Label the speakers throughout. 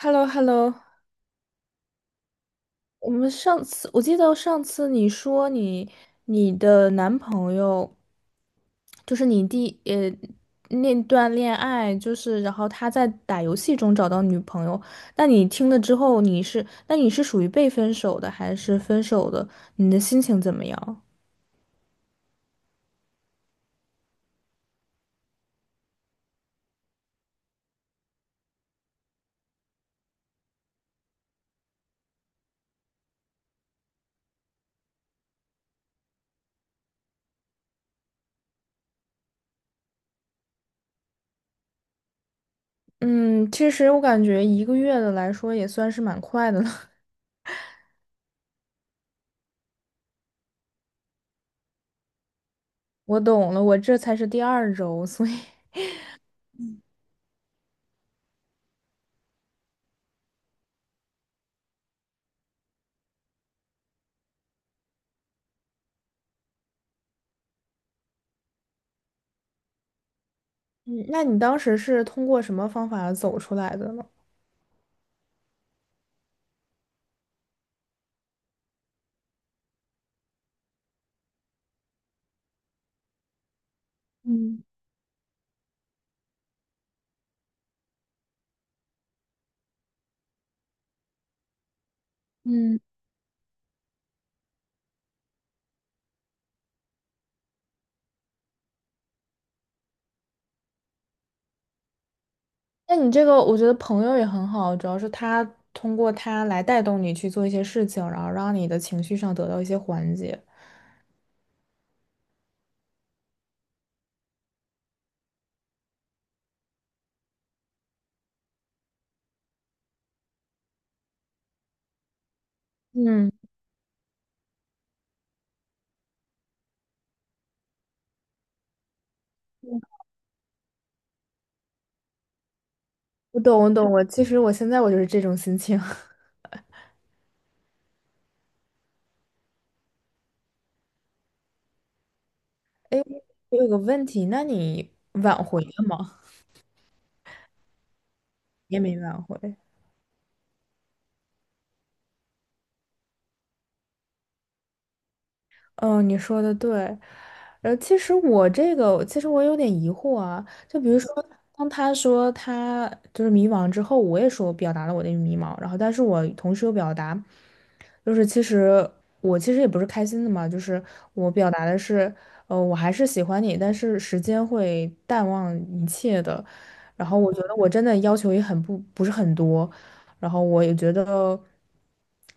Speaker 1: h e l l o h e l l o 我记得上次你说你的男朋友就是那段恋爱，就是然后他在打游戏中找到女朋友，那你听了之后你是属于被分手的还是分手的？你的心情怎么样？嗯，其实我感觉1个月的来说也算是蛮快的了。我懂了，我这才是第二周，所以，嗯，那你当时是通过什么方法走出来的呢？嗯嗯，那你这个我觉得朋友也很好，主要是他通过他来带动你去做一些事情，然后让你的情绪上得到一些缓解。嗯，我懂，我懂，我其实我现在我就是这种心情。哎，我有个问题，那你挽回了吗？也没挽回。嗯，你说的对。其实我有点疑惑啊。就比如说，当他说他就是迷茫之后，我也说我表达了我的迷茫，然后但是我同时又表达，就是其实我其实也不是开心的嘛，就是我表达的是，我还是喜欢你，但是时间会淡忘一切的。然后我觉得我真的要求也很不是很多，然后我也觉得，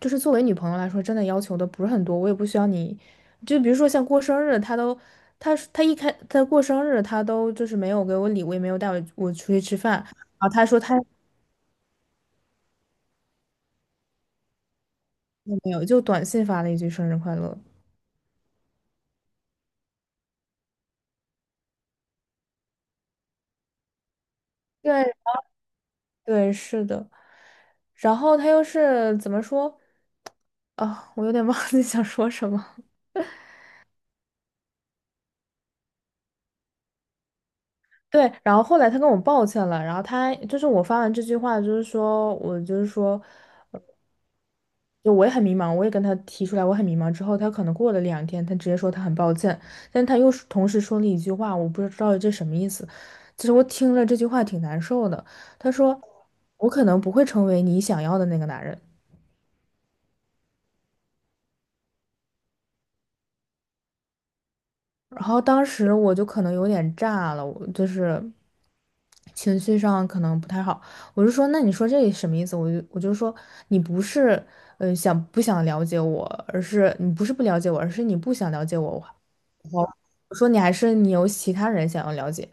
Speaker 1: 就是作为女朋友来说，真的要求的不是很多，我也不需要你，就比如说像过生日，他都，他他一开他过生日，他都就是没有给我礼物，也没有带我出去吃饭，然后他说他也没有，就短信发了一句生日快乐。对对，是的。然后他又是怎么说？啊，我有点忘记想说什么。对，然后后来他跟我抱歉了，然后他就是我发完这句话，就是说我就是说。就我也很迷茫，我也跟他提出来，我很迷茫。之后他可能过了2天，他直接说他很抱歉，但他又是同时说了一句话，我不知道这什么意思。就是我听了这句话挺难受的。他说：“我可能不会成为你想要的那个男人。”然后当时我就可能有点炸了，我就是情绪上可能不太好。我就说，那你说这什么意思？我就说，你不是想不想了解我，而是你不是不了解我，而是你不想了解我。我我我说你还是你有其他人想要了解。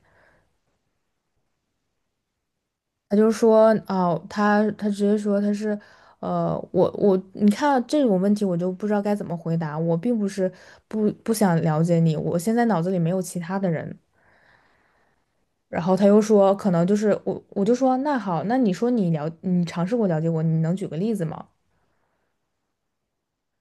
Speaker 1: 他就说哦，他直接说他是，呃，我我你看啊这种问题我就不知道该怎么回答。我并不是不想了解你，我现在脑子里没有其他的人。然后他又说，可能就是我，我就说那好，那你说你了，你尝试过了解我，你能举个例子吗？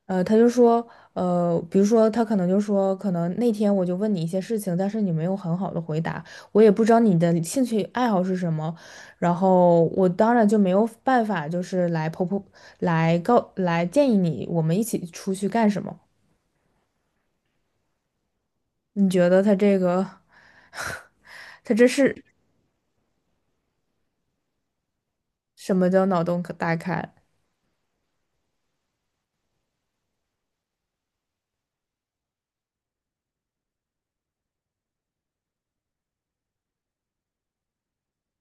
Speaker 1: 他就说，比如说他可能就说，可能那天我就问你一些事情，但是你没有很好的回答，我也不知道你的兴趣爱好是什么，然后我当然就没有办法，就是来婆婆来告来建议你，我们一起出去干什么？你觉得他这个，他这是什么叫脑洞可大开？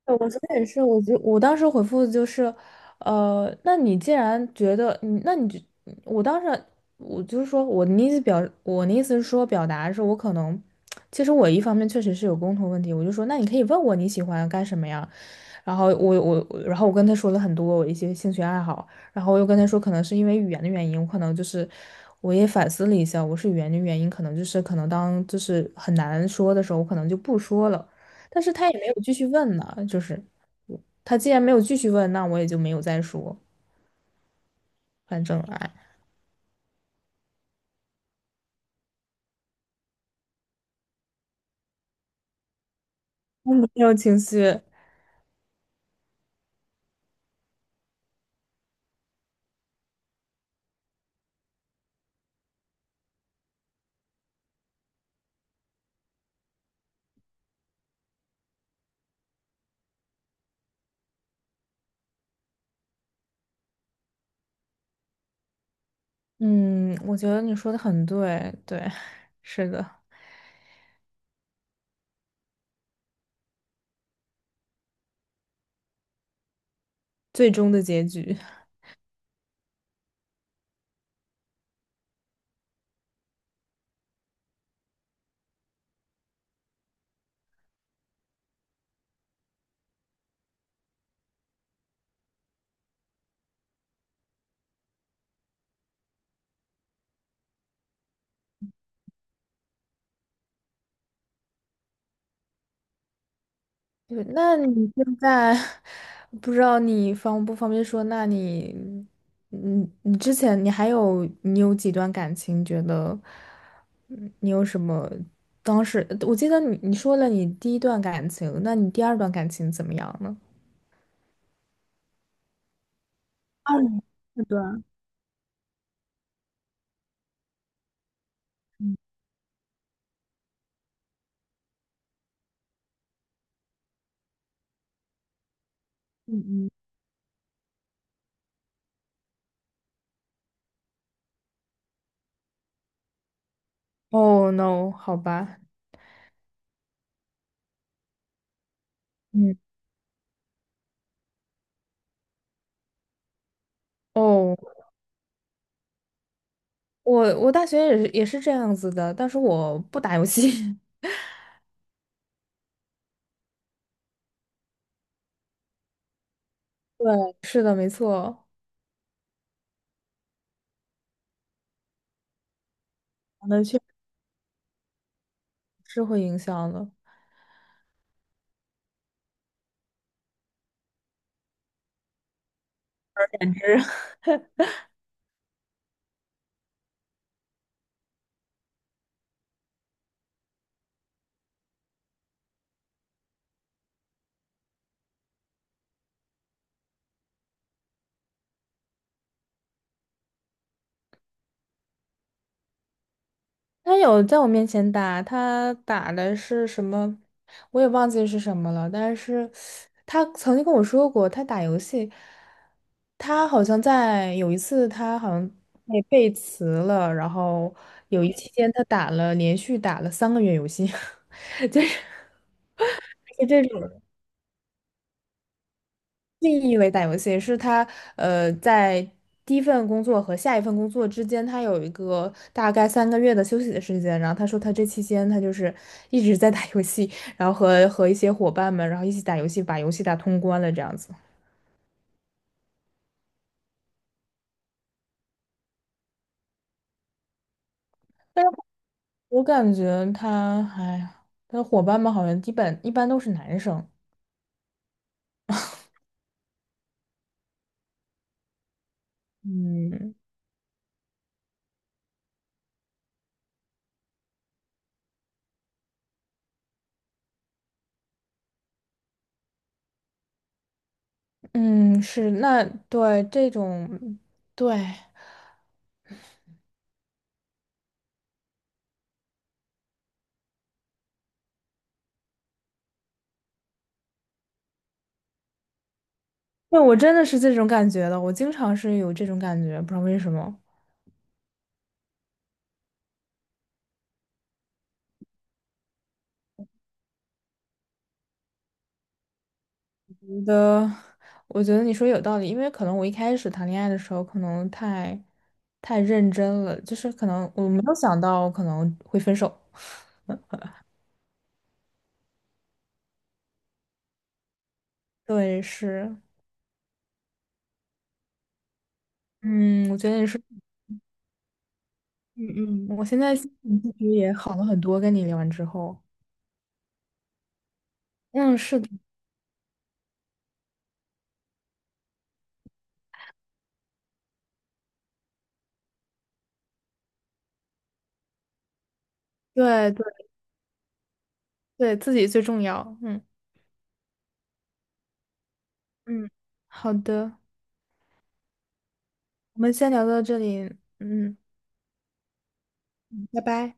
Speaker 1: 对我昨天也是，我当时回复就是，那你既然觉得你，那你就，我当时就是说我的意思是说表达是我可能，其实我一方面确实是有共同问题，我就说那你可以问我你喜欢干什么呀，然后我我我然后我跟他说了很多我一些兴趣爱好，然后我又跟他说可能是因为语言的原因，我可能就是我也反思了一下，我是语言的原因，可能就是可能当就是很难说的时候，我可能就不说了。但是他也没有继续问呢，就是他既然没有继续问，那我也就没有再说，反正哎，我没有情绪。嗯，我觉得你说的很对，对，是的，最终的结局。对，那你现在 不知道你方不方便说？那你，你之前你有几段感情？觉得，嗯，你有什么？当时我记得你说了你第一段感情，那你第二段感情怎么样呢？哦，no，好吧，嗯，哦，我大学也是这样子的，但是我不打游戏。对，是的，没错，那确实是会影响的。简直，他有在我面前打，他打的是什么，我也忘记是什么了。但是他曾经跟我说过，他打游戏，他好像在有一次，他好像被背词了，然后有一期间他打了连续打了三个月游戏，就是。是这种定义为打游戏，是他在第一份工作和下一份工作之间，他有一个大概三个月的休息的时间。然后他说他这期间他就是一直在打游戏，然后和一些伙伴们，然后一起打游戏，把游戏打通关了这样子。我感觉他，哎呀，他的伙伴们好像基本一般都是男生。嗯嗯，是那对这种对。对，我真的是这种感觉的，我经常是有这种感觉，不知道为什么。觉得，我觉得你说有道理，因为可能我一开始谈恋爱的时候，可能太认真了，就是可能我没有想到可能会分手。对，是，嗯，我觉得你是，嗯嗯。我现在心情其实也好了很多，跟你聊完之后。嗯，是的，对对对，自己最重要。嗯嗯，好的，我们先聊到这里，嗯，拜拜。